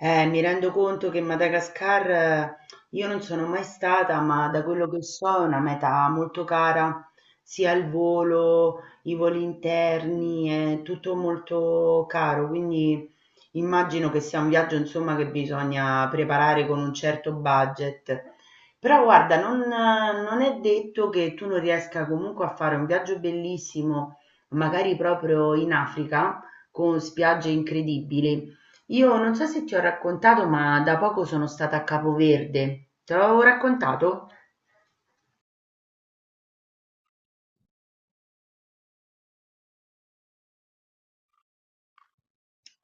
Mi rendo conto che Madagascar io non sono mai stata, ma da quello che so è una meta molto cara, sia il volo, i voli interni, è tutto molto caro, quindi immagino che sia un viaggio, insomma, che bisogna preparare con un certo budget. Però guarda, non è detto che tu non riesca comunque a fare un viaggio bellissimo, magari proprio in Africa, con spiagge incredibili. Io non so se ti ho raccontato, ma da poco sono stata a Capoverde. Te l'avevo raccontato?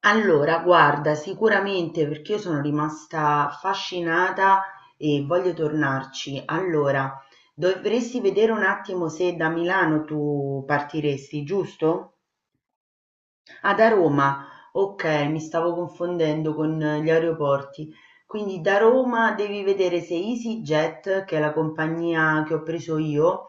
Allora, guarda, sicuramente perché io sono rimasta affascinata e voglio tornarci. Allora, dovresti vedere un attimo se da Milano tu partiresti, giusto? Ah, da Roma. Ok, mi stavo confondendo con gli aeroporti. Quindi da Roma devi vedere se EasyJet, che è la compagnia che ho preso io,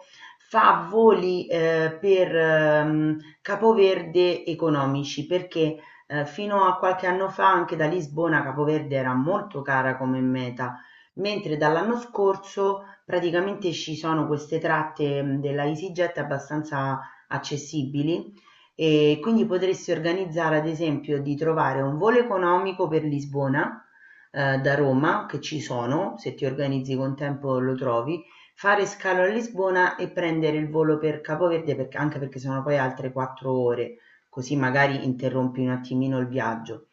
fa voli per Capoverde economici, perché fino a qualche anno fa anche da Lisbona Capoverde era molto cara come meta, mentre dall'anno scorso praticamente ci sono queste tratte della EasyJet abbastanza accessibili e quindi potresti organizzare, ad esempio, di trovare un volo economico per Lisbona, da Roma, che ci sono, se ti organizzi con tempo lo trovi, fare scalo a Lisbona e prendere il volo per Capoverde, perché, anche perché sono poi altre quattro ore, così magari interrompi un attimino il viaggio.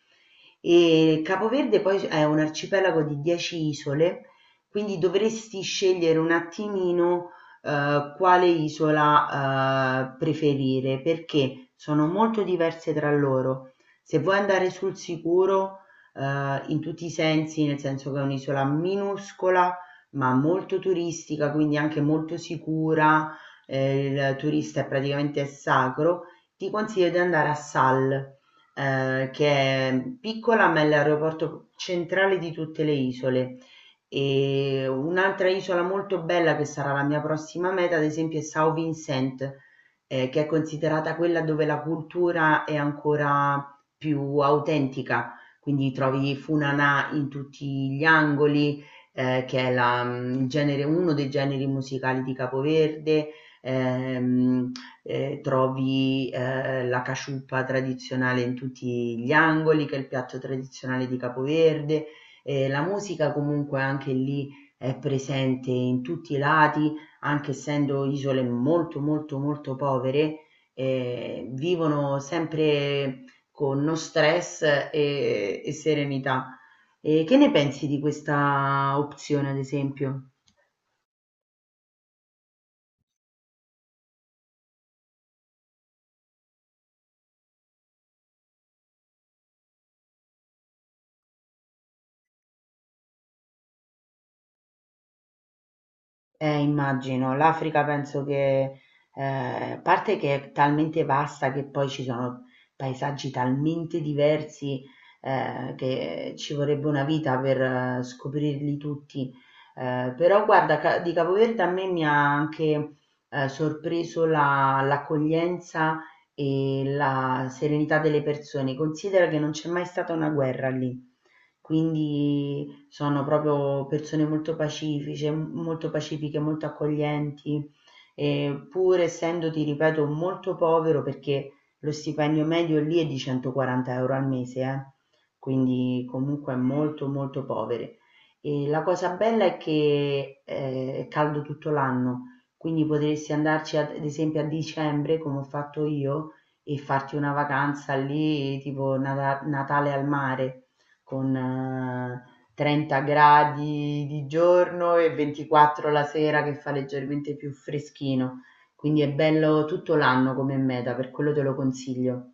E Capoverde poi è un arcipelago di 10 isole, quindi dovresti scegliere un attimino quale isola preferire perché sono molto diverse tra loro. Se vuoi andare sul sicuro in tutti i sensi, nel senso che è un'isola minuscola ma molto turistica, quindi anche molto sicura, il turista è praticamente sacro, ti consiglio di andare a Sal, che è piccola ma è l'aeroporto centrale di tutte le isole. E un'altra isola molto bella che sarà la mia prossima meta, ad esempio, è São Vincent, che è considerata quella dove la cultura è ancora più autentica, quindi trovi Funanà in tutti gli angoli, che è la- mm, il uno dei generi musicali di Capoverde, ehm, trovi la casciuppa tradizionale in tutti gli angoli, che è il piatto tradizionale di Capoverde, la musica comunque anche lì è presente in tutti i lati, anche essendo isole molto molto molto povere, vivono sempre con no stress e serenità. Che ne pensi di questa opzione, ad esempio? Immagino. L'Africa penso che, a parte che è talmente vasta che poi ci sono paesaggi talmente diversi, che ci vorrebbe una vita per scoprirli tutti. Però guarda, di Capoverde a me mi ha anche, sorpreso l'accoglienza e la serenità delle persone. Considera che non c'è mai stata una guerra lì. Quindi sono proprio persone molto pacifiche, molto pacifiche, molto accoglienti, e pur essendo, ti ripeto, molto povero perché lo stipendio medio lì è di 140 euro al mese, quindi comunque molto molto poveri. E la cosa bella è che è caldo tutto l'anno, quindi potresti andarci ad esempio a dicembre, come ho fatto io, e farti una vacanza lì, tipo Natale al mare con 30 gradi di giorno e 24 la sera che fa leggermente più freschino, quindi è bello tutto l'anno come meta, per quello te lo consiglio.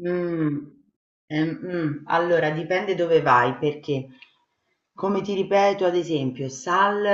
Mhmm, allora dipende dove vai, perché come ti ripeto, ad esempio, Sal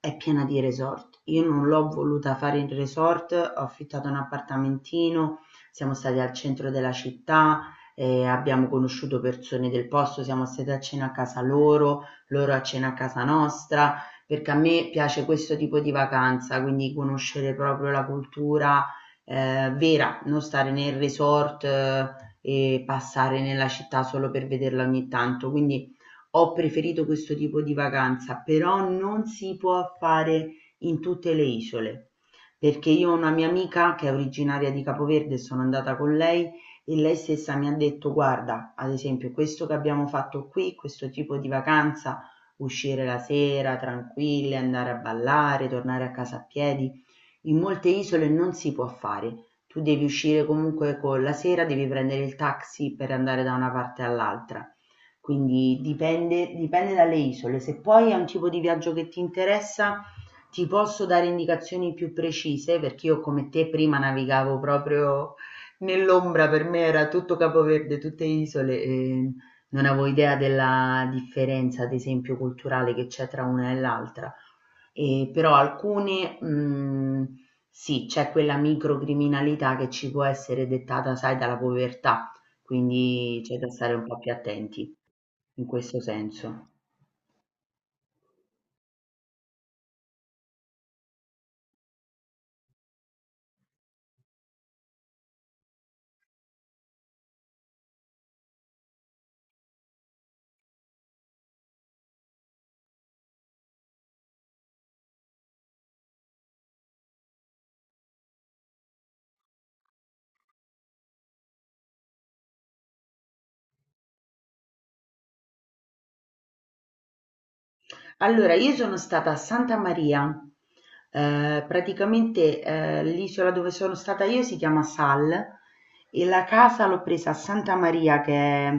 è piena di resort. Io non l'ho voluta fare in resort, ho affittato un appartamentino, siamo stati al centro della città, abbiamo conosciuto persone del posto, siamo stati a cena a casa loro, loro a cena a casa nostra, perché a me piace questo tipo di vacanza, quindi conoscere proprio la cultura vera, non stare nel resort e passare nella città solo per vederla ogni tanto. Quindi ho preferito questo tipo di vacanza, però non si può fare in tutte le isole, perché io ho una mia amica che è originaria di Capoverde, sono andata con lei e lei stessa mi ha detto, guarda, ad esempio, questo che abbiamo fatto qui, questo tipo di vacanza, uscire la sera tranquille, andare a ballare, tornare a casa a piedi, in molte isole non si può fare, tu devi uscire comunque con la sera, devi prendere il taxi per andare da una parte all'altra, quindi dipende, dipende dalle isole. Se poi è un tipo di viaggio che ti interessa, ti posso dare indicazioni più precise, perché io come te prima navigavo proprio nell'ombra, per me era tutto Capoverde, tutte isole, e non avevo idea della differenza, ad esempio, culturale che c'è tra una e l'altra. E però alcune, mhmm, sì, c'è quella microcriminalità che ci può essere dettata, sai, dalla povertà, quindi c'è da stare un po' più attenti in questo senso. Allora, io sono stata a Santa Maria, l'isola dove sono stata io si chiama Sal e la casa l'ho presa a Santa Maria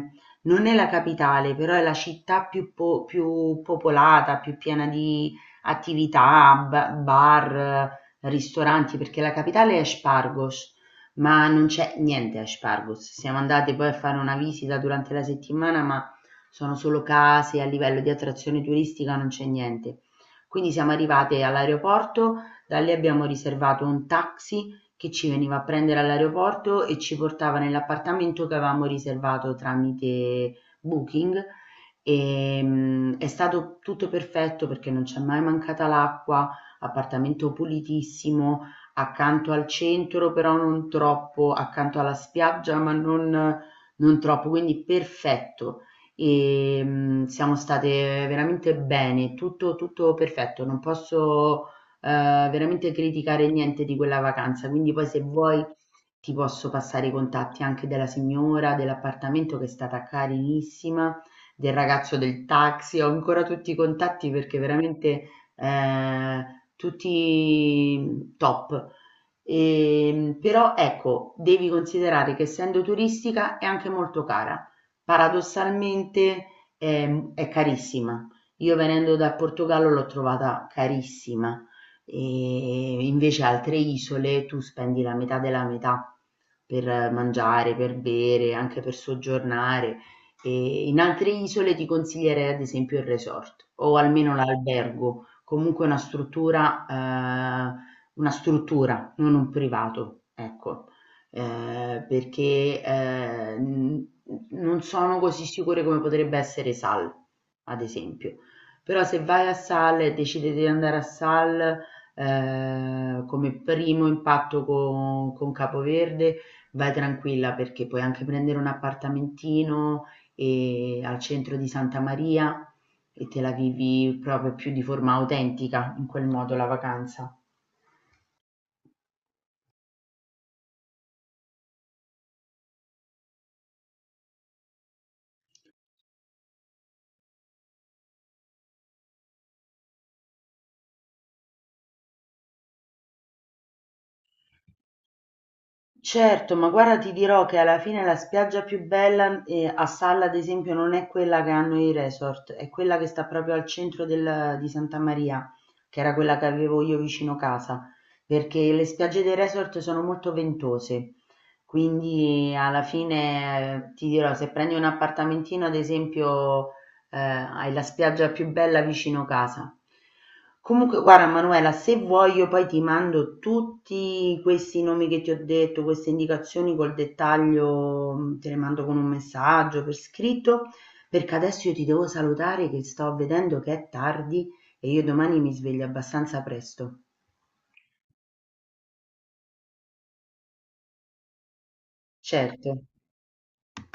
non è la capitale, però è la città più, più popolata, più piena di attività, bar, ristoranti, perché la capitale è Spargos, ma non c'è niente a Spargos. Siamo andate poi a fare una visita durante la settimana, ma sono solo case, a livello di attrazione turistica non c'è niente. Quindi siamo arrivate all'aeroporto, da lì abbiamo riservato un taxi che ci veniva a prendere all'aeroporto e ci portava nell'appartamento che avevamo riservato tramite Booking. È stato tutto perfetto perché non c'è mai mancata l'acqua, appartamento pulitissimo, accanto al centro, però non troppo, accanto alla spiaggia, non troppo, quindi perfetto. Siamo state veramente bene, tutto perfetto, non posso, veramente criticare niente di quella vacanza, quindi poi se vuoi ti posso passare i contatti anche della signora dell'appartamento che è stata carinissima, del ragazzo del taxi, ho ancora tutti i contatti perché veramente, ehm, tutti top. Però ecco, devi considerare che essendo turistica è anche molto cara paradossalmente, è carissima. Io venendo dal Portogallo l'ho trovata carissima e invece altre isole tu spendi la metà della metà per mangiare, per bere, anche per soggiornare. E in altre isole ti consiglierei ad esempio il resort o almeno l'albergo, comunque una struttura, una struttura, non un privato, ecco, perché, n non sono così sicure come potrebbe essere Sal, ad esempio. Però se vai a Sal e decidi di andare a Sal, come primo impatto con Capoverde, vai tranquilla perché puoi anche prendere un appartamentino, al centro di Santa Maria e te la vivi proprio più di forma autentica in quel modo la vacanza. Certo, ma guarda ti dirò che alla fine la spiaggia più bella, a Salla ad esempio non è quella che hanno i resort, è quella che sta proprio al centro del di Santa Maria, che era quella che avevo io vicino casa, perché le spiagge dei resort sono molto ventose. Quindi alla fine, ti dirò, se prendi un appartamentino ad esempio hai la spiaggia più bella vicino casa. Comunque, guarda Manuela, se vuoi io poi ti mando tutti questi nomi che ti ho detto, queste indicazioni col dettaglio, te le mando con un messaggio per scritto, perché adesso io ti devo salutare che sto vedendo che è tardi e io domani mi sveglio abbastanza presto. Certo.